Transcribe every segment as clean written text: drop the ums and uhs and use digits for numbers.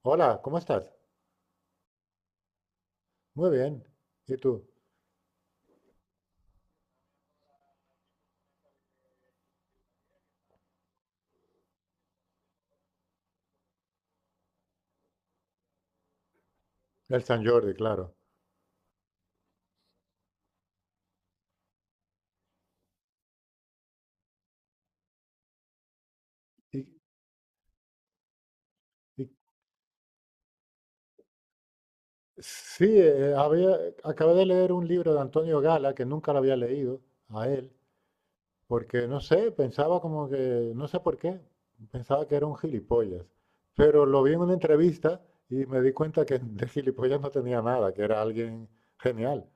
Hola, ¿cómo estás? Muy bien. ¿Y tú? El San Jordi, claro. Y, y- sí, acabé de leer un libro de Antonio Gala que nunca lo había leído a él, porque no sé, pensaba como que, no sé por qué, pensaba que era un gilipollas. Pero lo vi en una entrevista y me di cuenta que de gilipollas no tenía nada, que era alguien genial.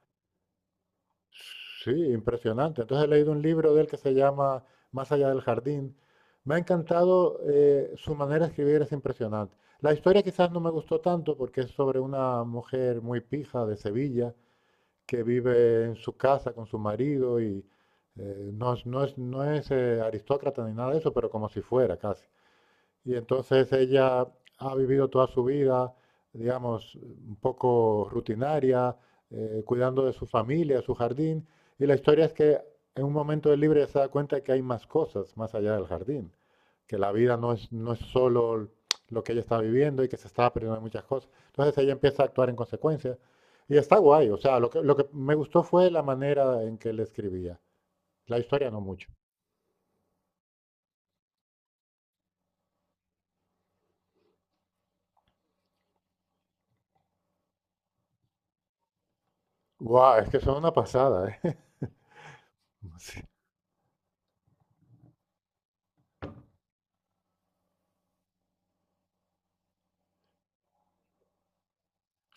Sí, impresionante. Entonces he leído un libro de él que se llama Más allá del jardín. Me ha encantado, su manera de escribir es impresionante. La historia quizás no me gustó tanto porque es sobre una mujer muy pija de Sevilla que vive en su casa con su marido y aristócrata ni nada de eso, pero como si fuera casi. Y entonces ella ha vivido toda su vida, digamos, un poco rutinaria, cuidando de su familia, de su jardín. Y la historia es que en un momento del libro ella se da cuenta de que hay más cosas más allá del jardín, que la vida no es solo lo que ella está viviendo y que se está aprendiendo muchas cosas. Entonces ella empieza a actuar en consecuencia. Y está guay, o sea, lo que me gustó fue la manera en que le escribía. La historia no mucho. Guau, es que son una pasada, ¿eh? Sí.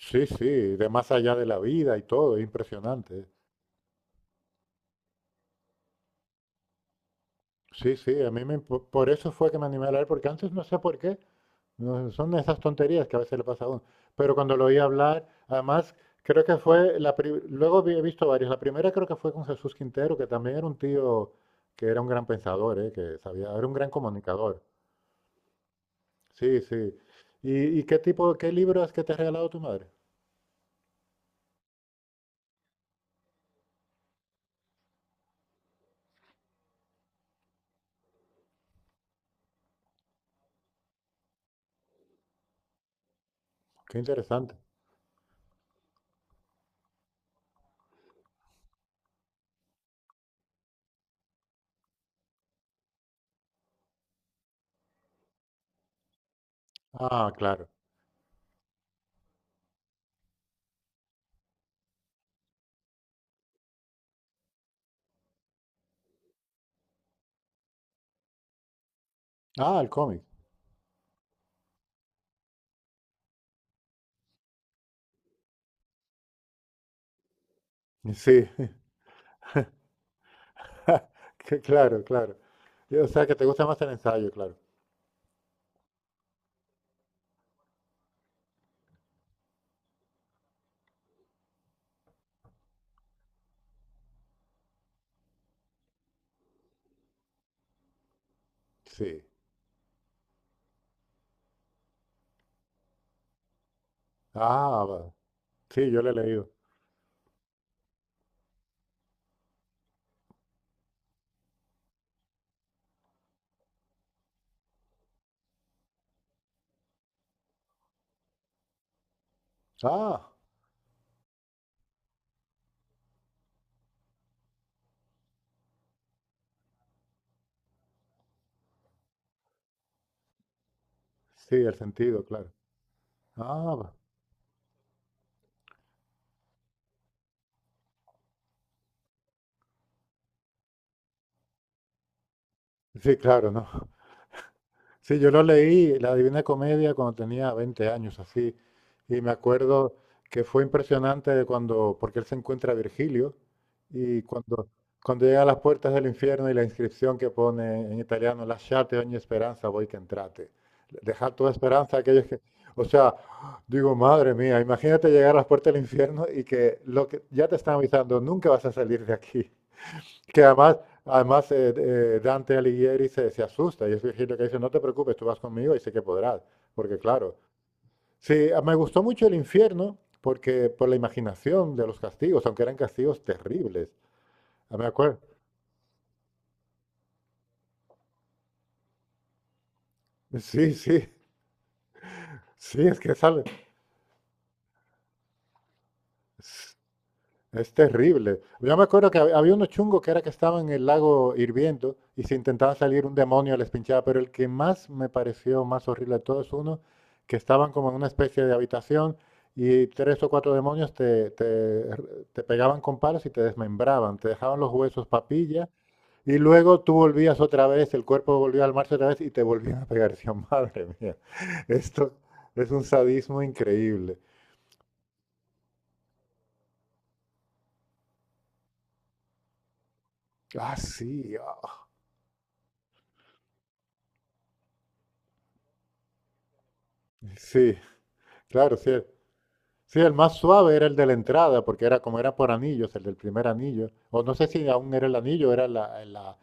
Sí, sí, de más allá de la vida y todo, es impresionante. Sí, sí, a mí me, por eso fue que me animé a leer, porque antes no sé por qué, no, son esas tonterías que a veces le pasa a uno. Pero cuando lo oí hablar, además, creo que fue, luego he visto varias, la primera creo que fue con Jesús Quintero, que también era un tío que era un gran pensador, ¿eh? Que sabía, era un gran comunicador. Sí, sí. ¿Y qué libro es que te ha regalado tu madre? Qué interesante. Ah, claro. Ah, el cómic. Sí. Claro, claro. O sea, que te gusta más el ensayo, claro. Sí. Ah, va. Sí, yo lo he leído. Ah, sí, el sentido, claro. Ah, va. Sí, claro, ¿no? Sí, yo lo leí, La Divina Comedia, cuando tenía 20 años, así. Y me acuerdo que fue impresionante cuando, porque él se encuentra a Virgilio, y cuando, cuando llega a las puertas del infierno y la inscripción que pone en italiano, Lasciate ogni speranza, voi che entrate. Dejar toda esperanza a aquellos que... O sea, digo, madre mía, imagínate llegar a las puertas del infierno y que lo que ya te están avisando, nunca vas a salir de aquí. Que además, Dante Alighieri se, se asusta y es Virgilio que dice, no te preocupes, tú vas conmigo y sé que podrás, porque claro, sí, me gustó mucho el infierno porque por la imaginación de los castigos, aunque eran castigos terribles. Ah, me acuerdo. Sí, sí, sí, es que sale. Es terrible. Yo me acuerdo que había unos chungos que era que estaban en el lago hirviendo y si intentaban salir un demonio les pinchaba, pero el que más me pareció más horrible de todos es uno que estaban como en una especie de habitación y tres o cuatro demonios te pegaban con palos y te desmembraban, te dejaban los huesos papilla y luego tú volvías otra vez, el cuerpo volvió al marzo otra vez y te volvían a pegar. Decía, madre mía, esto es un sadismo increíble. Ah, sí, ah, sí, claro, sí. Sí, el más suave era el de la entrada, porque era como era por anillos, el del primer anillo. O no sé si aún era el anillo, era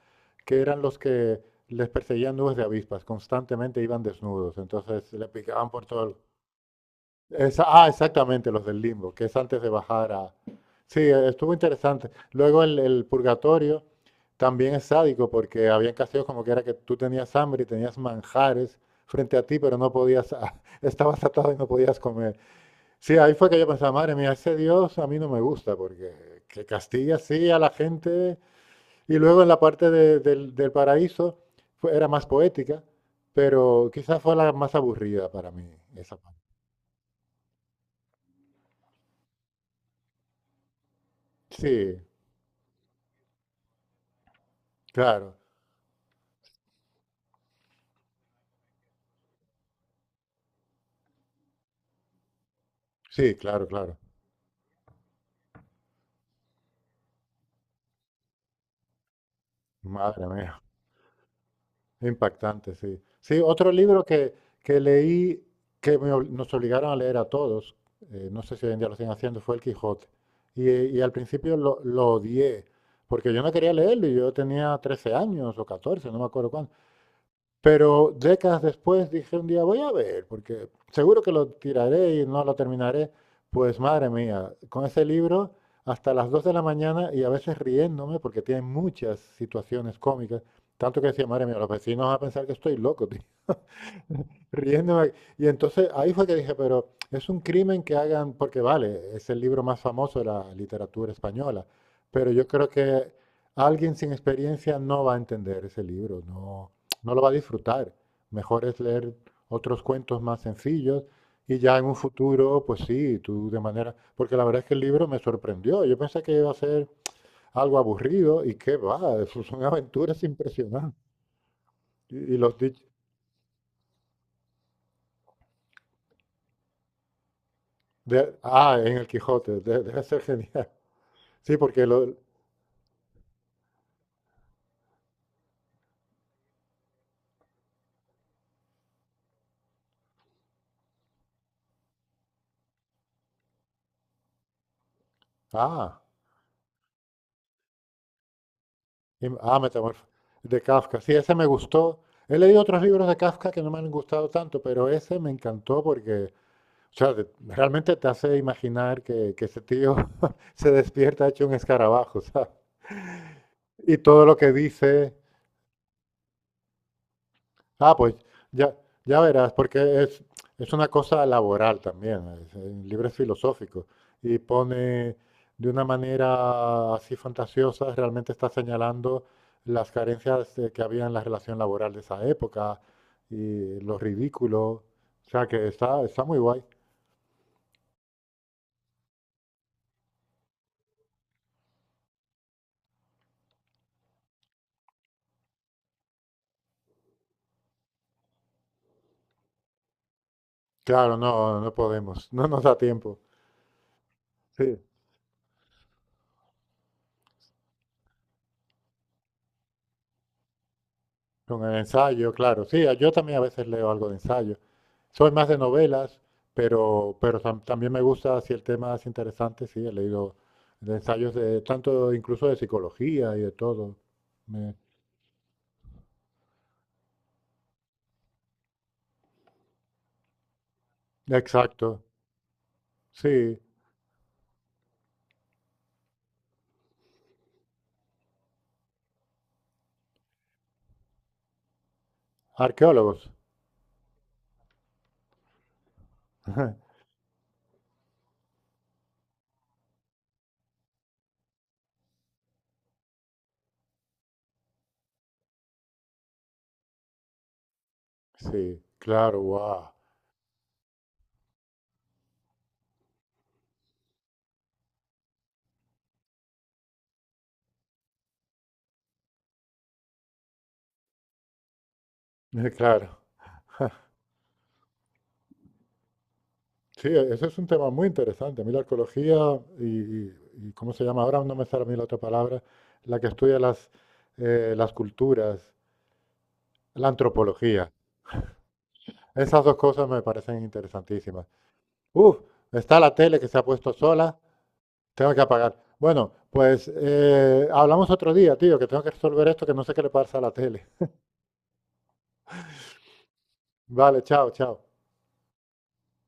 que eran los que les perseguían nubes de avispas, constantemente iban desnudos, entonces le picaban por todo. Ah, exactamente, los del limbo, que es antes de bajar a... Sí, estuvo interesante. Luego el purgatorio también es sádico, porque habían caseos como que era que tú tenías hambre y tenías manjares frente a ti, pero no podías, estabas atado y no podías comer. Sí, ahí fue que yo pensaba, madre mía, ese Dios a mí no me gusta, porque que castiga así a la gente. Y luego en la parte del paraíso era más poética, pero quizás fue la más aburrida para mí, esa parte. Sí, claro, sí, claro, claro. Madre mía. Impactante, sí. Sí, otro libro que leí, nos obligaron a leer a todos, no sé si hoy en día lo siguen haciendo, fue El Quijote. Y al principio lo odié, porque yo no quería leerlo y yo tenía 13 años o 14, no me acuerdo cuándo. Pero décadas después dije un día, voy a ver, porque seguro que lo tiraré y no lo terminaré. Pues madre mía, con ese libro hasta las 2 de la mañana y a veces riéndome porque tiene muchas situaciones cómicas. Tanto que decía, madre mía, los vecinos van a pensar que estoy loco, tío. Riéndome. Y entonces ahí fue que dije, pero es un crimen que hagan, porque vale, es el libro más famoso de la literatura española, pero yo creo que alguien sin experiencia no va a entender ese libro, no, no lo va a disfrutar. Mejor es leer otros cuentos más sencillos y ya en un futuro, pues sí, tú de manera, porque la verdad es que el libro me sorprendió. Yo pensé que iba a ser algo aburrido y qué va, eso son aventuras impresionantes. Y, y los, di- ah, en el Quijote, debe ser genial. Sí, porque lo... Ah, ah, de Kafka. Sí, ese me gustó. He leído otros libros de Kafka que no me han gustado tanto, pero ese me encantó porque, o sea, realmente te hace imaginar que ese tío se despierta hecho un escarabajo, ¿sabes? Y todo lo que dice Ah, pues ya, ya verás, porque es una cosa laboral también, es, en libros filosóficos, y pone de una manera así fantasiosa, realmente está señalando las carencias que había en la relación laboral de esa época y lo ridículo, o sea que está muy guay. Claro, no, no podemos, no nos da tiempo. Sí. Con el ensayo, claro. Sí, yo también a veces leo algo de ensayo. Soy más de novelas, pero, pero también me gusta, si el tema es interesante, sí, he leído de ensayos de tanto, incluso de psicología y de todo. Me- exacto, sí. Arqueólogos. Sí, claro, wow. Claro. Sí, eso es un tema muy interesante. A mí la arqueología y, y- ¿cómo se llama? Ahora no me sale a mí la otra palabra, la que estudia las culturas, la antropología. Esas dos cosas me parecen interesantísimas. Uf, está la tele que se ha puesto sola, tengo que apagar. Bueno, pues hablamos otro día, tío, que tengo que resolver esto, que no sé qué le pasa a la tele. Vale, chao, chao.